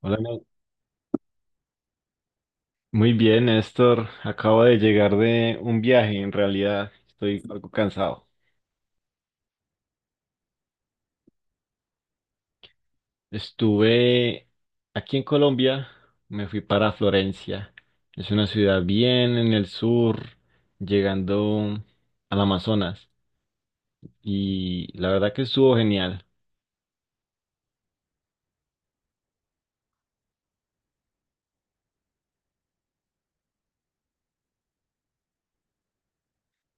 Hola, Ne- muy bien, Néstor. Acabo de llegar de un viaje, en realidad estoy algo cansado. Estuve aquí en Colombia, me fui para Florencia. Es una ciudad bien en el sur, llegando al Amazonas, y la verdad que estuvo genial.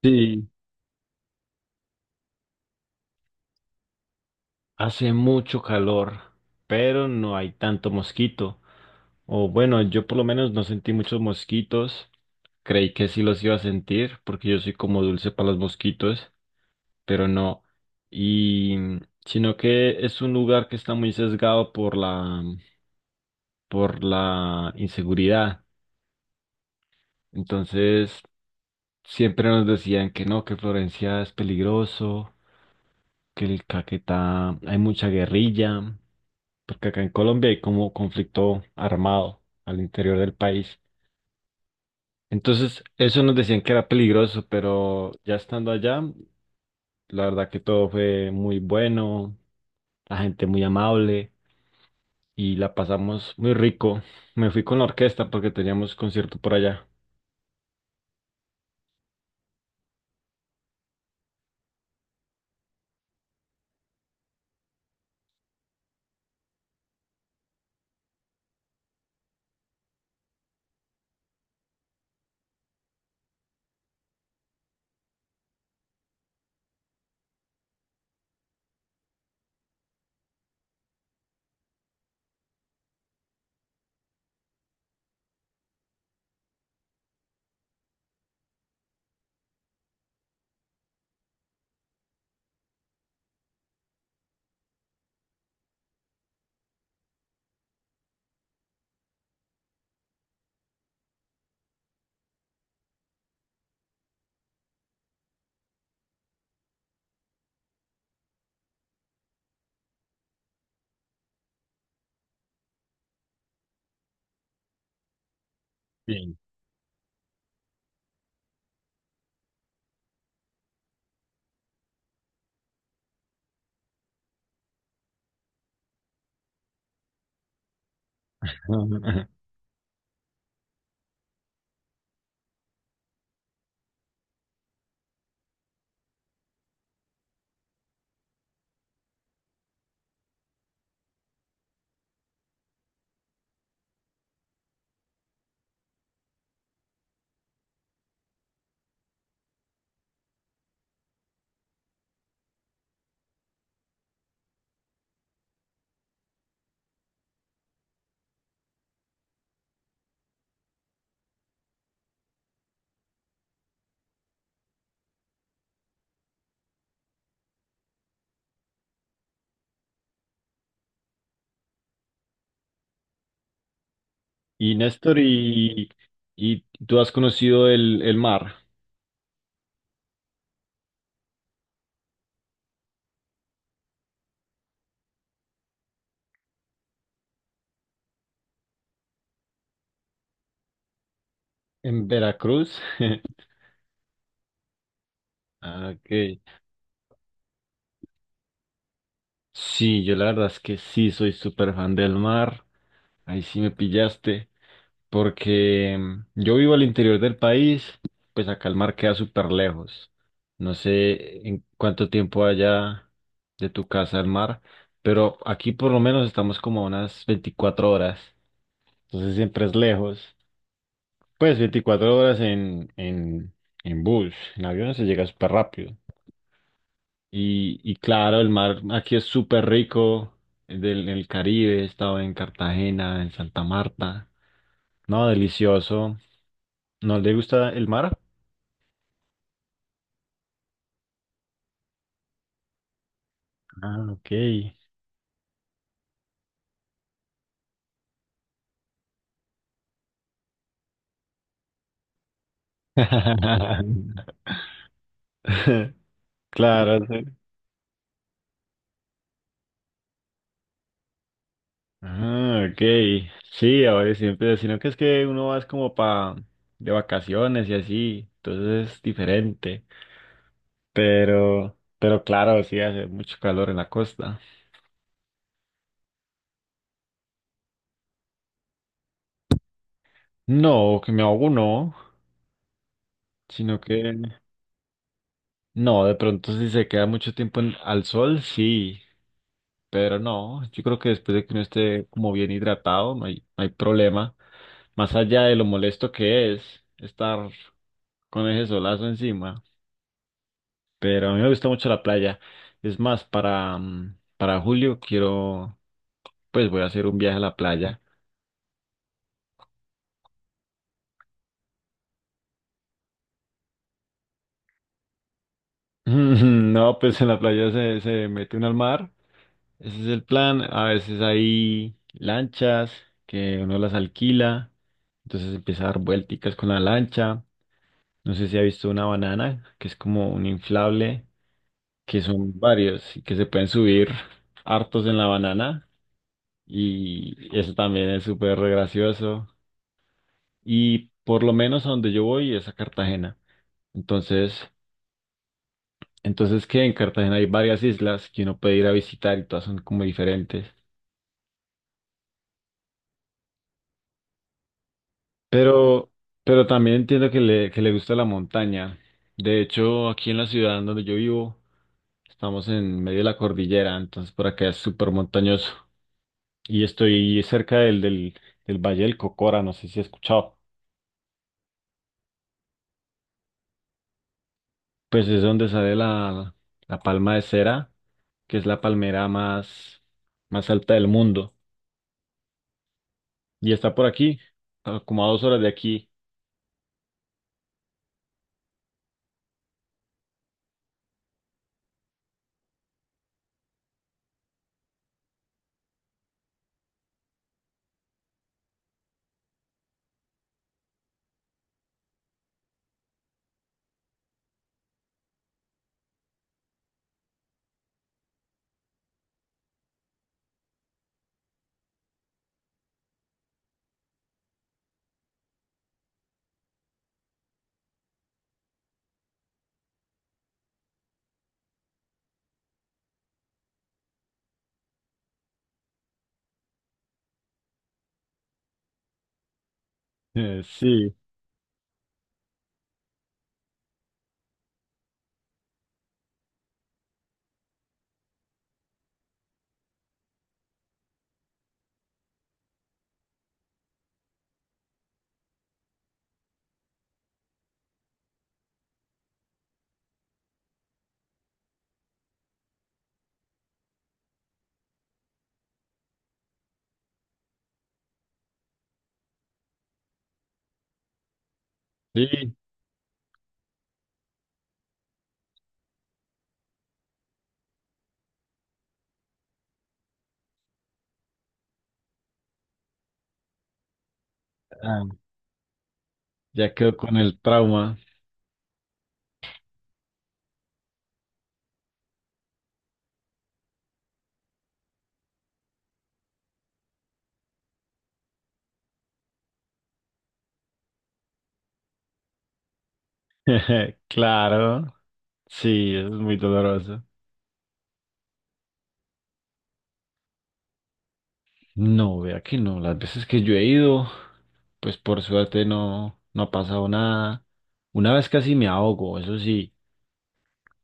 Sí. Hace mucho calor, pero no hay tanto mosquito. O bueno, yo por lo menos no sentí muchos mosquitos. Creí que sí los iba a sentir, porque yo soy como dulce para los mosquitos, pero no. Y sino que es un lugar que está muy sesgado por la por la inseguridad. Entonces, siempre nos decían que no, que Florencia es peligroso, que el Caquetá hay mucha guerrilla, porque acá en Colombia hay como conflicto armado al interior del país. Entonces, eso nos decían que era peligroso, pero ya estando allá, la verdad que todo fue muy bueno, la gente muy amable y la pasamos muy rico. Me fui con la orquesta porque teníamos concierto por allá. Bien. Y Néstor, y tú has conocido el mar en Veracruz? Ah, ok. Sí, yo la verdad es que sí soy súper fan del mar. Ahí sí me pillaste. Porque yo vivo al interior del país, pues acá el mar queda súper lejos. No sé en cuánto tiempo haya de tu casa al mar, pero aquí por lo menos estamos como a unas 24 horas. Entonces siempre es lejos. Pues 24 horas en bus, en avión se llega súper rápido. Y claro, el mar aquí es súper rico, el del el Caribe, he estado en Cartagena, en Santa Marta. No, delicioso. ¿No le gusta el mar? Ah, ok. Claro, sí. Ah, ok. Sí, ahora siempre, sino que es que uno va es como pa de vacaciones y así, entonces es diferente. Pero claro, sí hace mucho calor en la costa. No, que me ahogo no, sino que no, de pronto si se queda mucho tiempo en- al sol, sí, pero no, yo creo que después de que uno esté como bien hidratado, no hay, no hay problema. Más allá de lo molesto que es estar con ese solazo encima, pero a mí me gusta mucho la playa. Es más, para julio quiero, pues voy a hacer un viaje a la playa. No, pues en la playa se mete uno al mar. Ese es el plan. A veces hay lanchas que uno las alquila, entonces empieza a dar vuelticas con la lancha. No sé si ha visto una banana, que es como un inflable, que son varios y que se pueden subir hartos en la banana. Y eso también es súper re gracioso. Y por lo menos a donde yo voy es a Cartagena. Entonces, entonces que en Cartagena hay varias islas que uno puede ir a visitar y todas son como diferentes. Pero, pero también entiendo que le gusta la montaña. De hecho, aquí en la ciudad en donde yo vivo, estamos en medio de la cordillera, entonces por acá es súper montañoso. Y estoy cerca del Valle del Cocora, no sé si has escuchado. Pues es donde sale la palma de cera, que es la palmera más, más alta del mundo. Y está por aquí, a- como a 2 horas de aquí. Eh, sí, sí, ah, ya quedó con el trauma. Claro. Sí, eso es muy doloroso. No, vea que no. Las veces que yo he ido, pues por suerte no, no ha pasado nada. Una vez casi me ahogo, eso sí,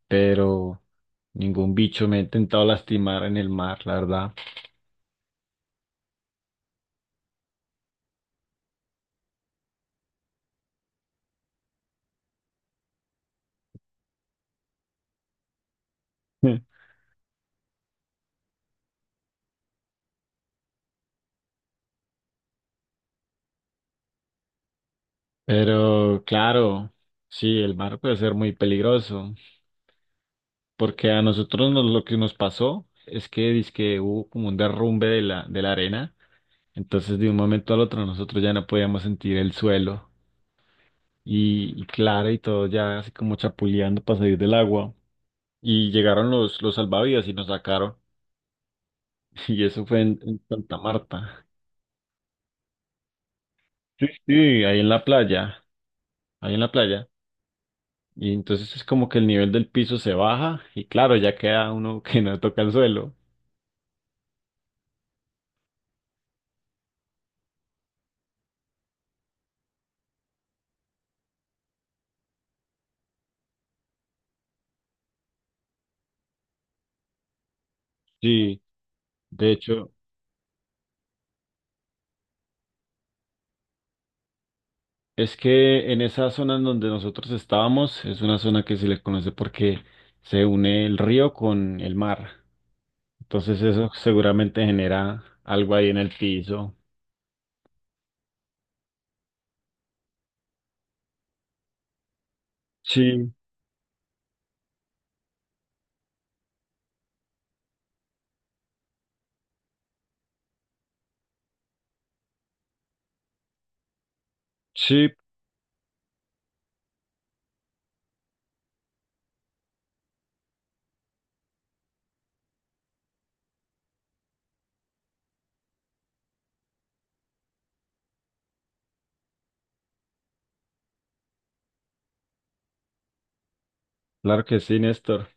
pero ningún bicho me ha intentado lastimar en el mar, la verdad. Pero claro, sí, el mar puede ser muy peligroso, porque a nosotros nos- lo que nos pasó es que dizque hubo como un derrumbe de la arena, entonces de un momento al otro nosotros ya no podíamos sentir el suelo. Y, y Clara y todo ya así como chapuleando para salir del agua. Y llegaron los salvavidas y nos sacaron. Y eso fue en Santa Marta. Sí, sí, ahí en la playa, ahí en la playa. Y entonces es como que el nivel del piso se baja y claro, ya queda uno que no toca el suelo. Sí, de hecho, es que en esa zona en donde nosotros estábamos es una zona que se le conoce porque se une el río con el mar. Entonces eso seguramente genera algo ahí en el piso. Sí, sí, claro que sí, Néstor.